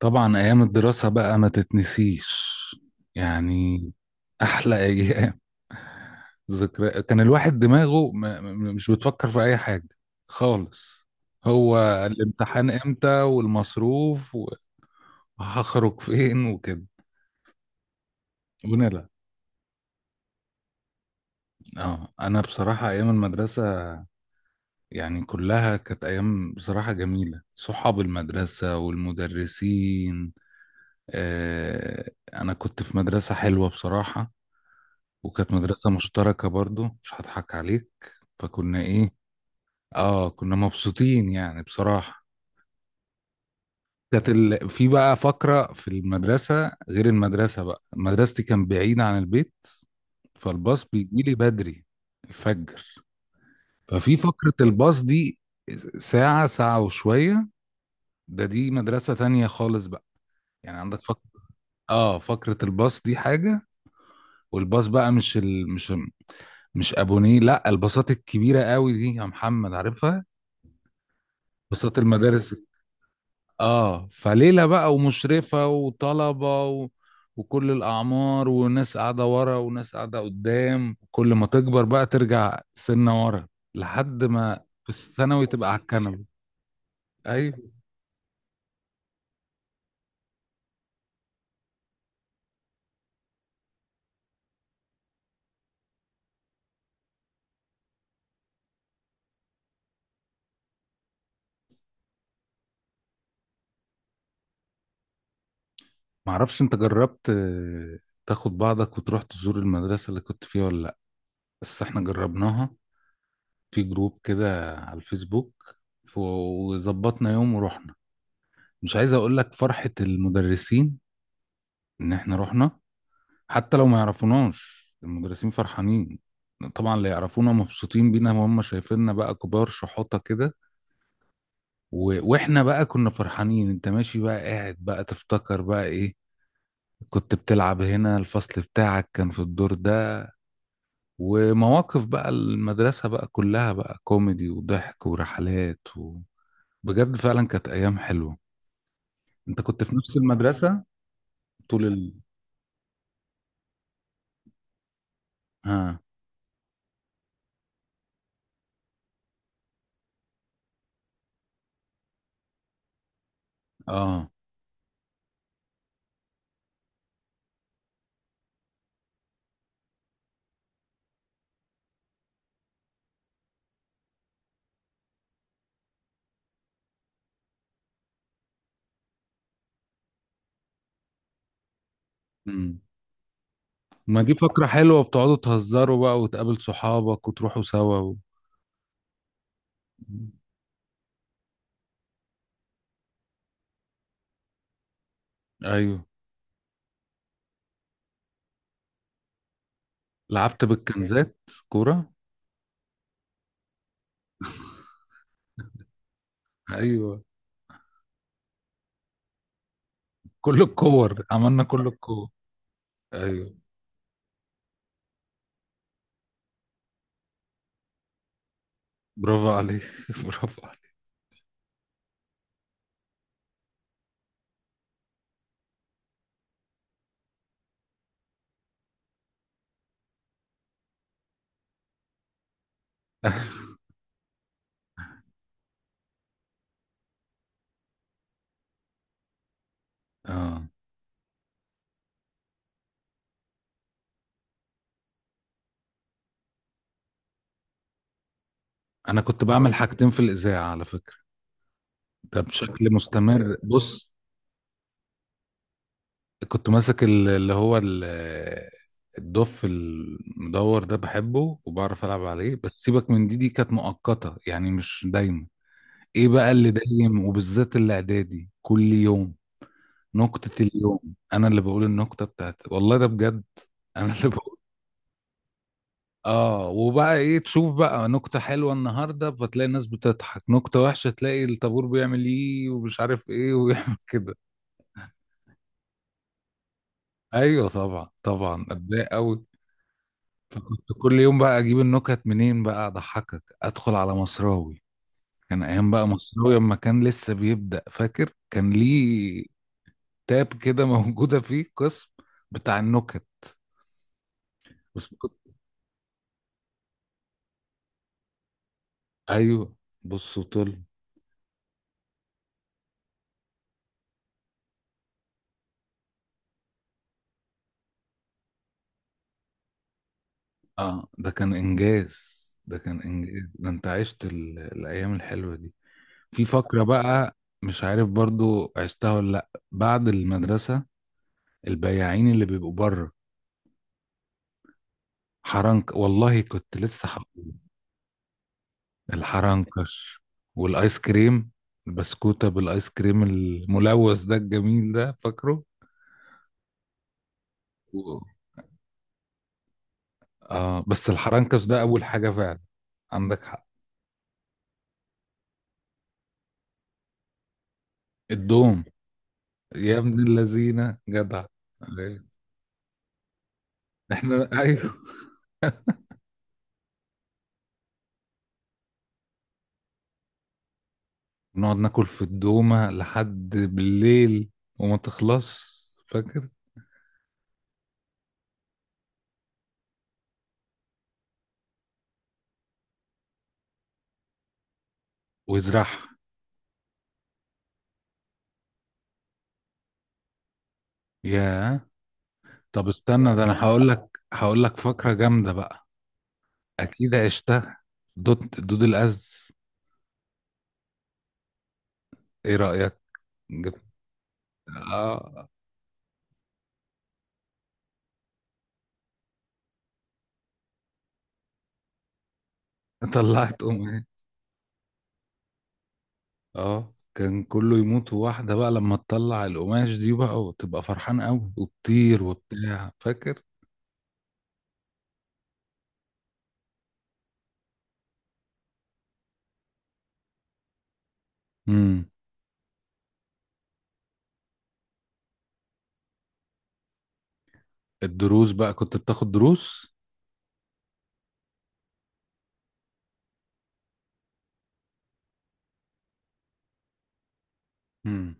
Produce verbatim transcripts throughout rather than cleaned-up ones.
طبعا ايام الدراسة بقى ما تتنسيش، يعني احلى ايام ذكرى. كان الواحد دماغه ما ما- مش بتفكر في اي حاجة خالص، هو الامتحان امتى والمصروف وهخرج فين وكده، ونلعب. اه، انا بصراحة ايام المدرسة يعني كلها كانت ايام بصراحة جميلة، صحاب المدرسة والمدرسين. آه، انا كنت في مدرسة حلوة بصراحة، وكانت مدرسة مشتركة برضو، مش هضحك عليك. فكنا ايه، اه كنا مبسوطين يعني بصراحة. كانت ال... في بقى فقرة في المدرسة غير المدرسة بقى، مدرستي كان بعيدة عن البيت، فالباص بيجي لي بدري الفجر. ففي فقرة الباص دي ساعة ساعة وشوية، ده دي مدرسة تانية خالص بقى، يعني عندك فقرة. اه فقرة الباص دي حاجة. والباص بقى مش ال... مش مش ابونيه، لا الباصات الكبيرة قوي دي، يا محمد عارفها، بساط المدارس. اه فليلة بقى ومشرفة وطلبة و... وكل الأعمار، وناس قاعدة ورا وناس قاعدة قدام، كل ما تكبر بقى ترجع سنة ورا لحد ما في الثانوي تبقى على الكنبة. أيوة. معرفش أنت جربت آه، تاخد بعضك وتروح تزور المدرسة اللي كنت فيها ولا لأ؟ بس احنا جربناها في جروب كده على الفيسبوك، ف- وظبطنا يوم ورحنا. مش عايز أقول لك فرحة المدرسين إن احنا رحنا، حتى لو ما يعرفوناش المدرسين فرحانين. طبعا اللي يعرفونا مبسوطين بينا وهم شايفيننا بقى كبار شحوطة كده، و... واحنا بقى كنا فرحانين. انت ماشي بقى قاعد بقى تفتكر بقى ايه، كنت بتلعب هنا، الفصل بتاعك كان في الدور ده، ومواقف بقى المدرسة بقى كلها بقى كوميدي وضحك ورحلات و... بجد فعلا كانت ايام حلوة. انت كنت في نفس المدرسة طول ال... ها، اه، امم، ما دي فكرة حلوة، بتقعدوا تهزروا بقى وتقابل صحابك وتروحوا سوا و... ايوه، لعبت بالكنزات كورة. ايوه، كل الكور عملنا كل الكور. ايوه، برافو عليك برافو عليك. اه، انا كنت بعمل حاجتين في الاذاعة على فكرة، ده بشكل مستمر. بص، كنت ماسك ال- اللي هو ال- الدف المدور ده، بحبه وبعرف العب عليه. بس سيبك من دي دي، كانت مؤقتة يعني مش دايما. ايه بقى اللي دايم وبالذات الاعدادي كل يوم؟ نكتة اليوم، انا اللي بقول النكتة بتاعتي، والله ده بجد، انا اللي بقول. اه، وبقى ايه، تشوف بقى نكتة حلوة النهاردة فتلاقي الناس بتضحك، نكتة وحشة تلاقي الطابور بيعمل ايه ومش عارف ايه ويعمل كده. ايوه طبعا، طبعا اتضايق قوي. كنت كل يوم بقى اجيب النكت منين بقى اضحكك؟ ادخل على مصراوي. كان ايام بقى مصراوي اما كان لسه بيبدأ، فاكر كان ليه تاب كده موجودة فيه قسم بتاع النكت. بس كنت- ايوه، بص وطل. اه ده كان انجاز، ده كان انجاز، ده انت عشت ال... الايام الحلوه دي. في فقره بقى مش عارف برضو عشتها ولا لا، بعد المدرسه البياعين اللي بيبقوا بره، حرنك، والله كنت لسه هقول الحرنكش والايس كريم، البسكوته بالايس كريم الملوث ده الجميل ده فاكره؟ آه، بس الحرنكش ده أول حاجة فعلا. عندك حق، الدوم، يا ابن اللذينة جدع. أيوة. احنا أيوه، نقعد ناكل في الدومة لحد بالليل وما تخلص، فاكر؟ ويزرعها، يا، طب استنى ده أنا هقول لك هقول لك فكرة جامدة بقى، أكيد عشتها. دود دود الأز، إيه رأيك؟ جبت- آه، طلعت أم. اه كان كله يموت واحدة بقى لما تطلع القماش دي بقى وتبقى فرحان قوي وتطير وبتاع، فاكر؟ امم. الدروس بقى، كنت بتاخد دروس؟ امم.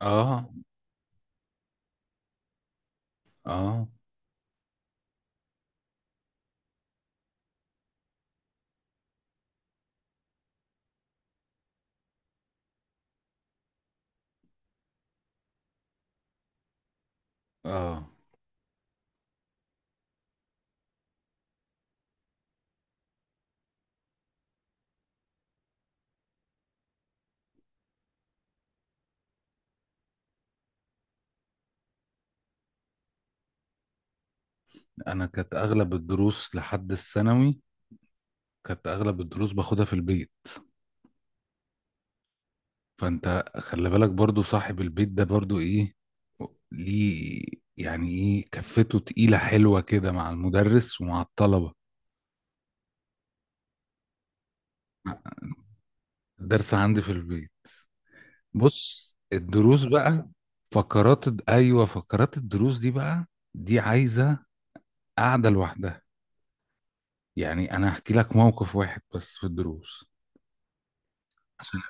اه، اه، اه، انا كانت اغلب الدروس لحد الثانوي كانت اغلب الدروس باخدها في البيت. فانت خلي بالك برضو صاحب البيت ده برضو ايه، ليه، يعني ايه، كفته تقيلة حلوة كده مع المدرس ومع الطلبة. الدرس عندي في البيت. بص الدروس بقى، فقرات الد- ايوه، فقرات الدروس دي بقى، دي عايزه قاعده لوحدها. يعني انا هحكي لك موقف واحد بس في الدروس، عشان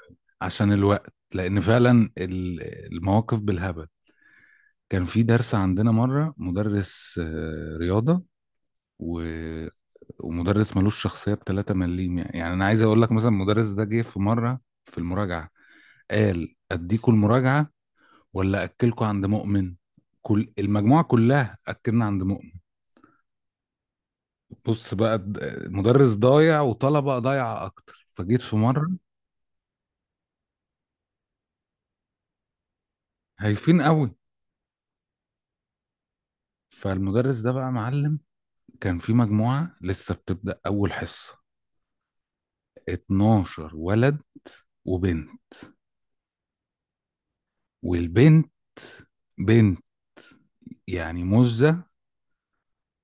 عشان الوقت، لان فعلا ال- المواقف بالهبل. كان في درس عندنا مره مدرس آه، رياضه، و ومدرس ملوش شخصيه ب تلاتة مليم. يعني يعني انا عايز اقول لك مثلا المدرس ده جه في مره في المراجعه قال اديكوا المراجعه ولا اكلكوا عند مؤمن؟ كل المجموعه كلها اكلنا عند مؤمن. بص بقى د- مدرس ضايع وطلبه ضايعه اكتر، فجيت في مره هايفين قوي. فالمدرس ده بقى معلم. كان في مجموعه لسه بتبدا اول حصه، اتناشر ولد وبنت. والبنت بنت، يعني مزه،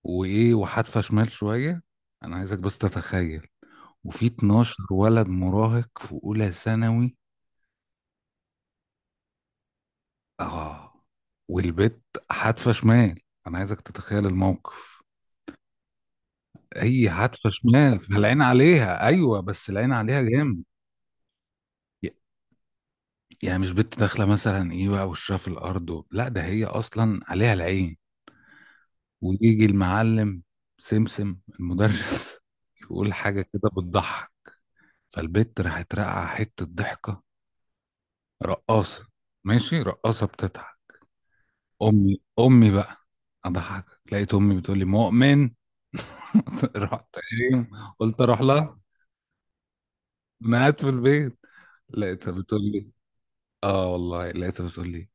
وايه، وحادفه شمال شويه، انا عايزك بس تتخيل، وفي اتناشر ولد مراهق في اولى ثانوي. اه والبت حادفه شمال، انا عايزك تتخيل الموقف. هي حادفه شمال فالعين عليها، ايوه بس العين عليها جامد. ي- يعني مش بنت داخله مثلا ايه بقى وشها في الارض و... لا، ده هي اصلا عليها العين. ويجي المعلم سمسم المدرس يقول حاجه كده بتضحك، فالبت راحت راقعه حته ضحكه رقاصه، ماشي رقاصه بتضحك، امي امي بقى اضحك. لقيت امي بتقول لي مؤمن. رحت ايه، قلت اروح لها. انا قاعد في البيت، لقيتها بتقول لي، اه والله لقيتها بتقول لي،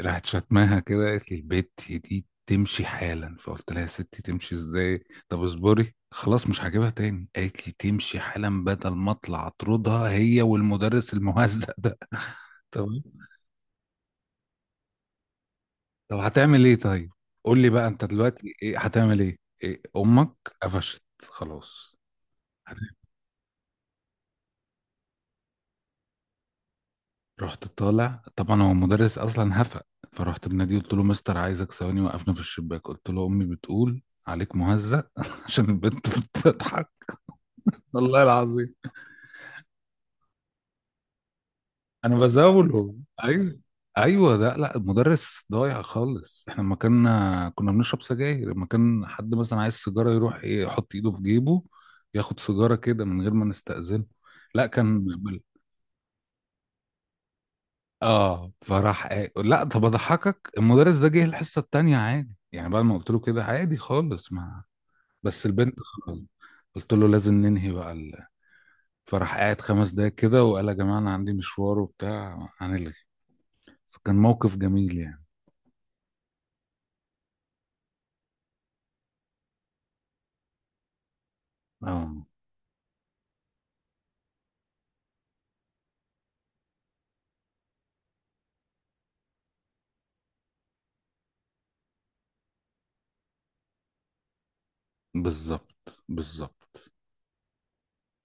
راحت شتماها كده قالت لي البت دي تمشي حالا. فقلت لها يا ستي تمشي ازاي؟ طب اصبري خلاص مش هجيبها تاني. قالت لي تمشي حالا بدل ما اطلع اطردها هي والمدرس المهزأ ده. تمام. طب هتعمل ايه؟ طيب قول لي بقى انت دلوقتي ايه هتعمل ايه, إيه؟ امك قفشت خلاص. رحت طالع طبعا، هو المدرس اصلا هفق. فرحت بناديه، قلت له مستر عايزك ثواني، وقفنا في الشباك قلت له امي بتقول عليك مهزأ عشان البنت بتضحك. والله العظيم انا بزاوله. ايوه، ايوه ده لا المدرس ضايع خالص، احنا لما كنا كنا بنشرب سجاير، لما كان حد مثلا عايز سيجاره يروح ايه، يحط ايده في جيبه ياخد سيجاره كده من غير ما نستأذنه، لا كان بل... اه فراح إيه. لا طب اضحكك، المدرس ده جه الحصه التانيه عادي يعني بعد ما قلت له كده، عادي خالص ما، بس البنت خلاص، قلت له لازم ننهي بقى ال... فراح قاعد خمس دقايق كده وقال يا جماعه انا عندي مشوار وبتاع هنلغي. فكان موقف جميل يعني. اه، بالظبط، بالظبط.